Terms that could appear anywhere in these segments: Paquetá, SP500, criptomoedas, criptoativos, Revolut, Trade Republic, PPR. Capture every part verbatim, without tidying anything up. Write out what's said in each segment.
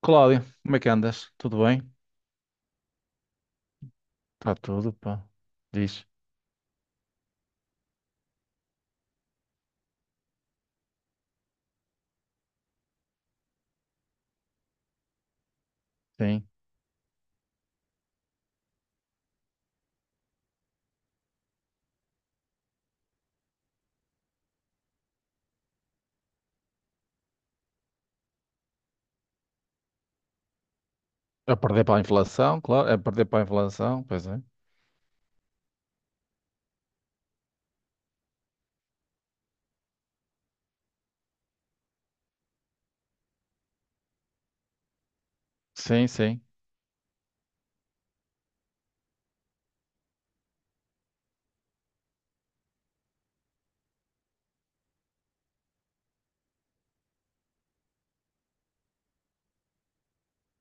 Cláudio, como é que andas? Tudo bem? Está tudo, pá. Diz, sim. A perder para a inflação, claro. A perder para a inflação, pois é. Sim, sim,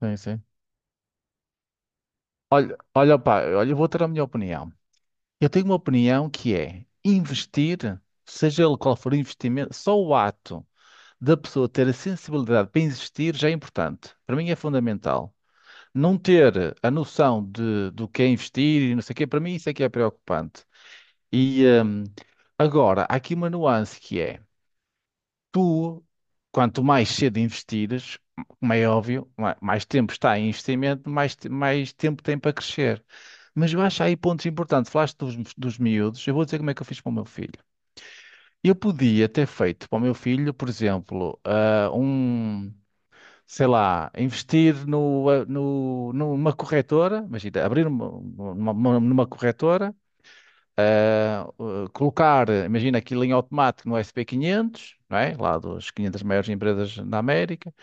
sim, sim. Olha, olha, pá, olha, eu vou ter a minha opinião. Eu tenho uma opinião que é investir, seja ele qual for o investimento, só o ato da pessoa ter a sensibilidade para investir já é importante. Para mim é fundamental. Não ter a noção de, do que é investir e não sei o quê, para mim isso é que é preocupante. E hum, agora, há aqui uma nuance que é. Tu, quanto mais cedo investires, como é óbvio, ma- mais tempo está em investimento, mais, te- mais tempo tem para crescer. Mas eu acho aí pontos importantes. Falaste dos, dos miúdos, eu vou dizer como é que eu fiz para o meu filho. Eu podia ter feito para o meu filho, por exemplo, ah, um, sei lá, investir no, ah, no, numa corretora, imagina, abrir uma, uma, uma- numa corretora, uh, colocar, imagina aquilo em automático no sp quinhentos, não é? Lá dos quinhentas maiores empresas na América.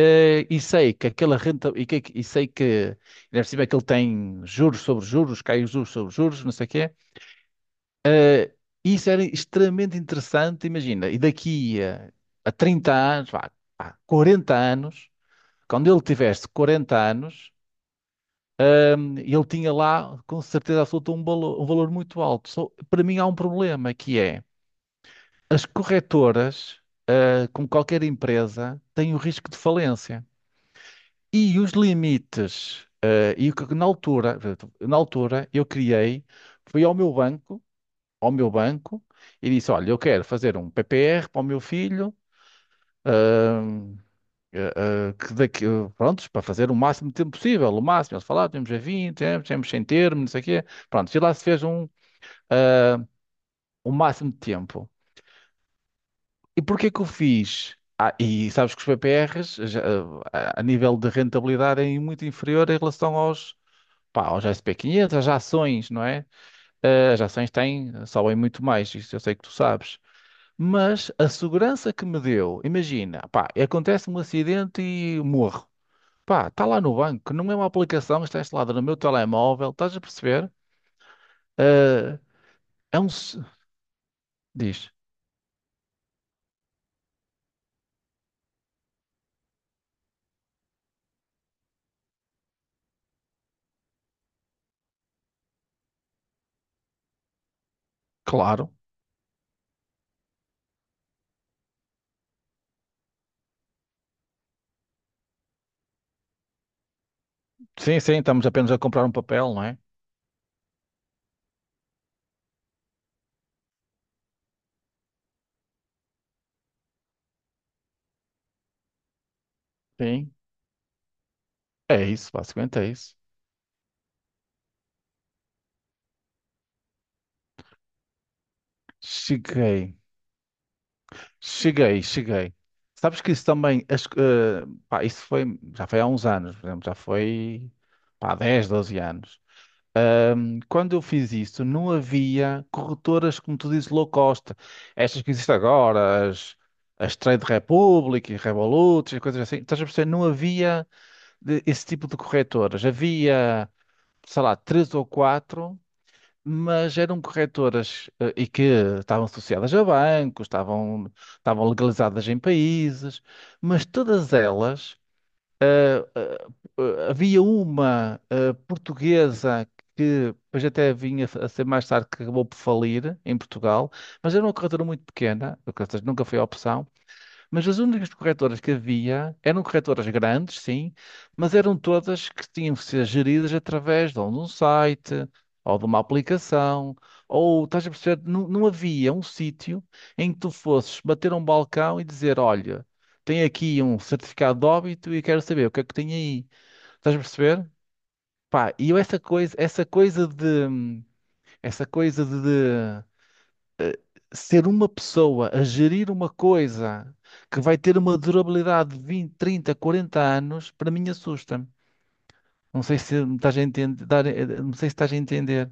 Eh, e sei que aquela renta e, que, e sei que ainda por cima é que ele tem juros sobre juros, cai os juros sobre juros, não sei o quê. E isso era extremamente interessante, imagina. E daqui a, a trinta anos, vá, vá, quarenta anos, quando ele tivesse quarenta anos, hum, ele tinha lá com certeza absoluta um valor, um valor muito alto. Só, para mim há um problema que é as corretoras, eh, como qualquer empresa, têm o risco de falência. E os limites, eh, e o que na altura, portanto, na altura eu criei, fui ao meu banco, ao meu banco, e disse, olha, eu quero fazer um P P R para o meu filho, ahm, eh, eh, que daqui, prontos, para fazer o máximo de tempo possível, o máximo, eles falaram, temos a vinte, temos, temos sem termo, não sei o quê, pronto, e lá se fez um, eh, o máximo de tempo. E porquê que eu fiz? Ah, e sabes que os P P Rs, já, ah, a nível de rentabilidade, é muito inferior em relação aos, pá, os S P quinhentos, as ações, não é? Eh, As ações têm, sobem muito mais, isso eu sei que tu sabes. Mas a segurança que me deu, imagina, pá, acontece-me um acidente e morro. Pá, está lá no banco, que não é uma aplicação, está instalada no meu telemóvel, estás a perceber? Eh, É um. s- Diz, claro. Sim, sim, estamos apenas a comprar um papel, não é? Sim. É isso, basicamente é isso. Cheguei. Cheguei, cheguei. Sabes que isso também, as, eh, pá, isso foi, já foi há uns anos, por exemplo, já foi, pá, dez doze anos. Ahm, quando eu fiz isso, não havia corretoras, como tu dizes, low cost. Estas que existem agora, as, as Trade Republic e Revolut, e coisas assim. Estás a perceber? Não havia de- esse tipo de corretoras. Havia, sei lá, três ou quatro mas eram corretoras eh, e que estavam associadas a bancos, estavam, estavam legalizadas em países, mas todas elas, eh, eh, havia uma eh, portuguesa que depois até vinha a ser mais tarde que acabou por falir em Portugal, mas era uma corretora muito pequena, ou seja, nunca foi a opção. Mas as únicas corretoras que havia eram corretoras grandes, sim, mas eram todas que tinham que ser geridas através de ou de um site, ou de uma aplicação, ou estás a perceber, não, não havia um sítio em que tu fosses bater um balcão e dizer, olha, tenho aqui um certificado de óbito e quero saber o que é que tem aí. Estás a perceber? Pá, e eu essa coisa, essa coisa de, essa coisa de, ser uma pessoa a gerir uma coisa que vai ter uma durabilidade de vinte, trinta, quarenta anos, para mim assusta-me. Não sei se me estás a entender, dar- eh, não sei se estás a entender.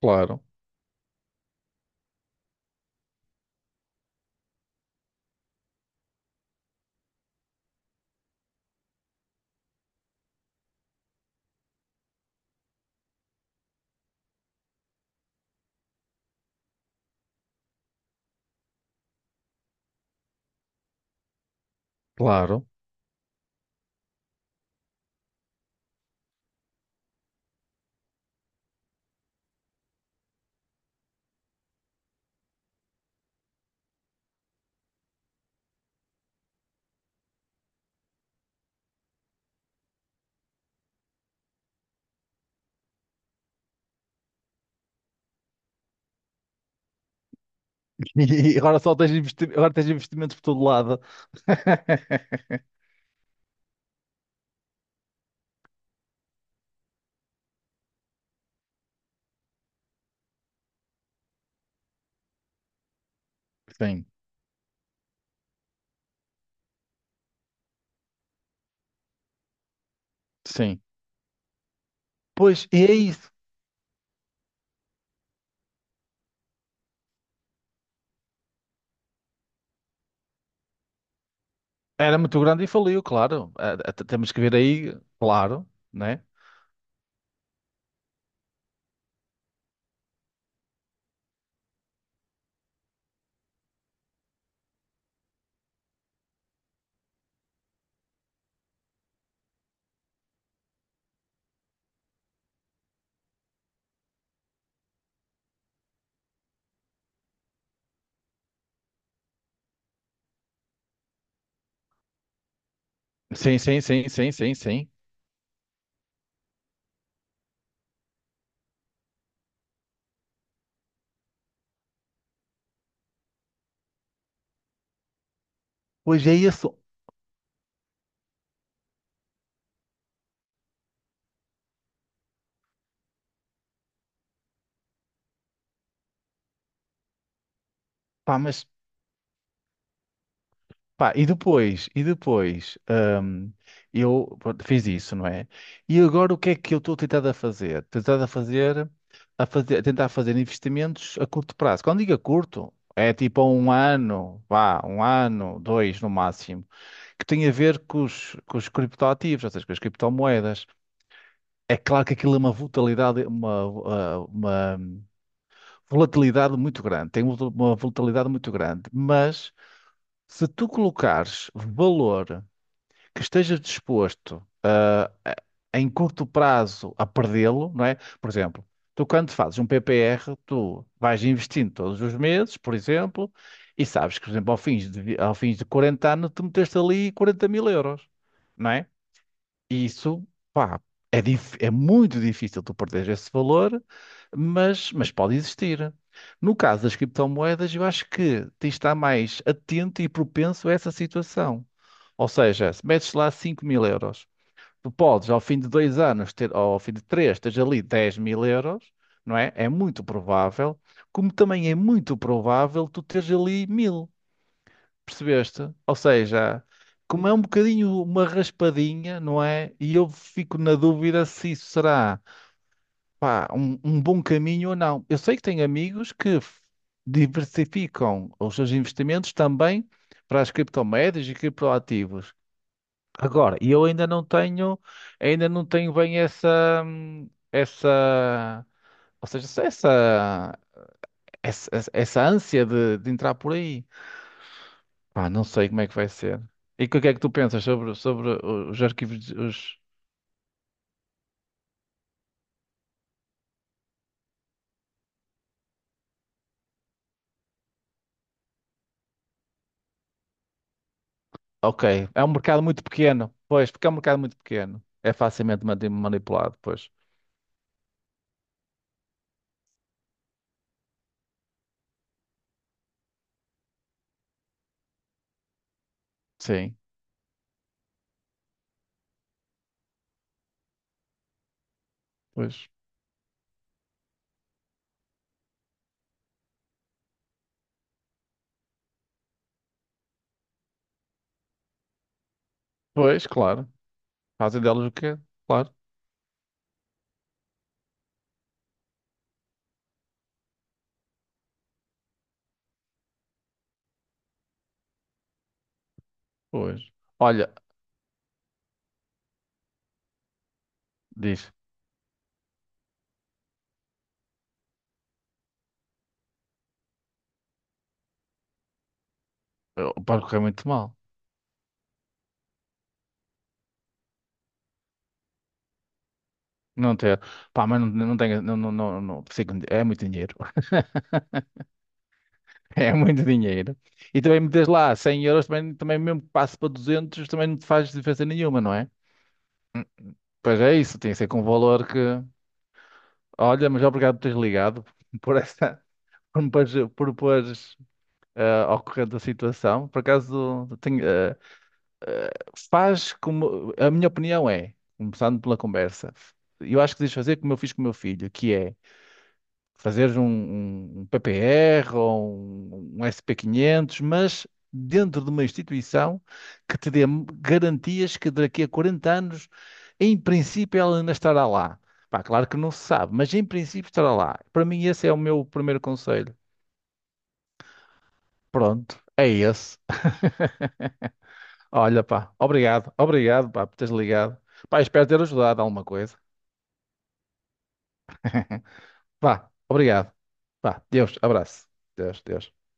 Claro, claro. E agora só tens investi- agora tens investimentos por todo lado. Sim, sim. Pois, e é isso. Era muito grande e faliu, claro. Ah, ah, t- Temos que ver aí, claro, né? Sim, sim, sim, sim, sim, sim. Pois é isso. Pá, mas pá, e depois, e depois, hum, eu pronto, fiz isso, não é? E agora o que é que eu estou tentado a fazer? Tentado a fazer, a fazer, a tentar fazer investimentos a curto prazo. Quando digo a curto, é tipo a um ano, vá, um ano, dois no máximo, que tem a ver com os, com os criptoativos, ou seja, com as criptomoedas. É claro que aquilo é uma volatilidade, uma, ah, uma volatilidade muito grande, tem uma volatilidade muito grande, mas se tu colocares valor que esteja disposto a- em curto prazo a perdê-lo, não é? Por exemplo, tu quando fazes um P P R, tu vais investindo todos os meses, por exemplo, e sabes que, por exemplo, ao fim de, vi- ao fim de quarenta anos, tu meteste ali quarenta mil euros, não é? Isso, pá, é, dif- é muito difícil tu perderes esse valor, mas, mas pode existir. No caso das criptomoedas, eu acho que tens de estar mais atento e propenso a essa situação. Ou seja, se metes lá cinco mil euros, tu podes ao fim de dois anos, ter, ou ao fim de três, teres ali dez mil euros, não é? É muito provável, como também é muito provável tu teres ali mil. Percebeste? Ou seja, como é um bocadinho uma raspadinha, não é? E eu fico na dúvida se isso será, pá, um, um bom caminho ou não. Eu sei que tenho amigos que f- diversificam os seus investimentos também para as criptomoedas e criptoativos. Agora, e eu ainda não tenho, ainda não tenho bem essa, hum, essa, ou seja, essa, essa, essa essa ânsia de, de entrar por aí. Pá, não sei como é que vai ser. E que- o que é que tu pensas sobre, sobre os arquivos? de- Os... Ok, é um mercado muito pequeno. Pois, porque é um mercado muito pequeno. É facilmente mani- manipulado, pois. Sim, pois. Pois, claro. Fazem delas o quê? Claro, pois. Olha, diz, eh, pode correr muito mal. Não ter. Pá, mas não, não tenho. Não, não, não, não, consigo- é muito dinheiro. É muito dinheiro. E também metes lá cem euros, também, também mesmo que passe para duzentos, também não te faz diferença nenhuma, não é? Pois é isso, tem que ser com um valor que. Olha, mas obrigado por teres ligado por essa, por me pôres, por me pôres, eh, ao corrente da situação. Por acaso tenho, eh, eh, faz como. A minha opinião é, começando pela conversa, eu acho que deves fazer como eu fiz com o meu filho, que é fazeres um, um- um P P R ou um, um S P quinhentos, mas dentro de uma instituição que te dê garantias que daqui a quarenta anos, em princípio, ela ainda estará lá. Pá, claro que não se sabe, mas em princípio estará lá. Para mim, esse é o meu primeiro conselho. Pronto, é esse. Olha, pá, obrigado, obrigado, pá, por teres ligado. Pá, espero ter ajudado alguma coisa. Vá, obrigado. Vá, Deus, abraço. Deus, Deus.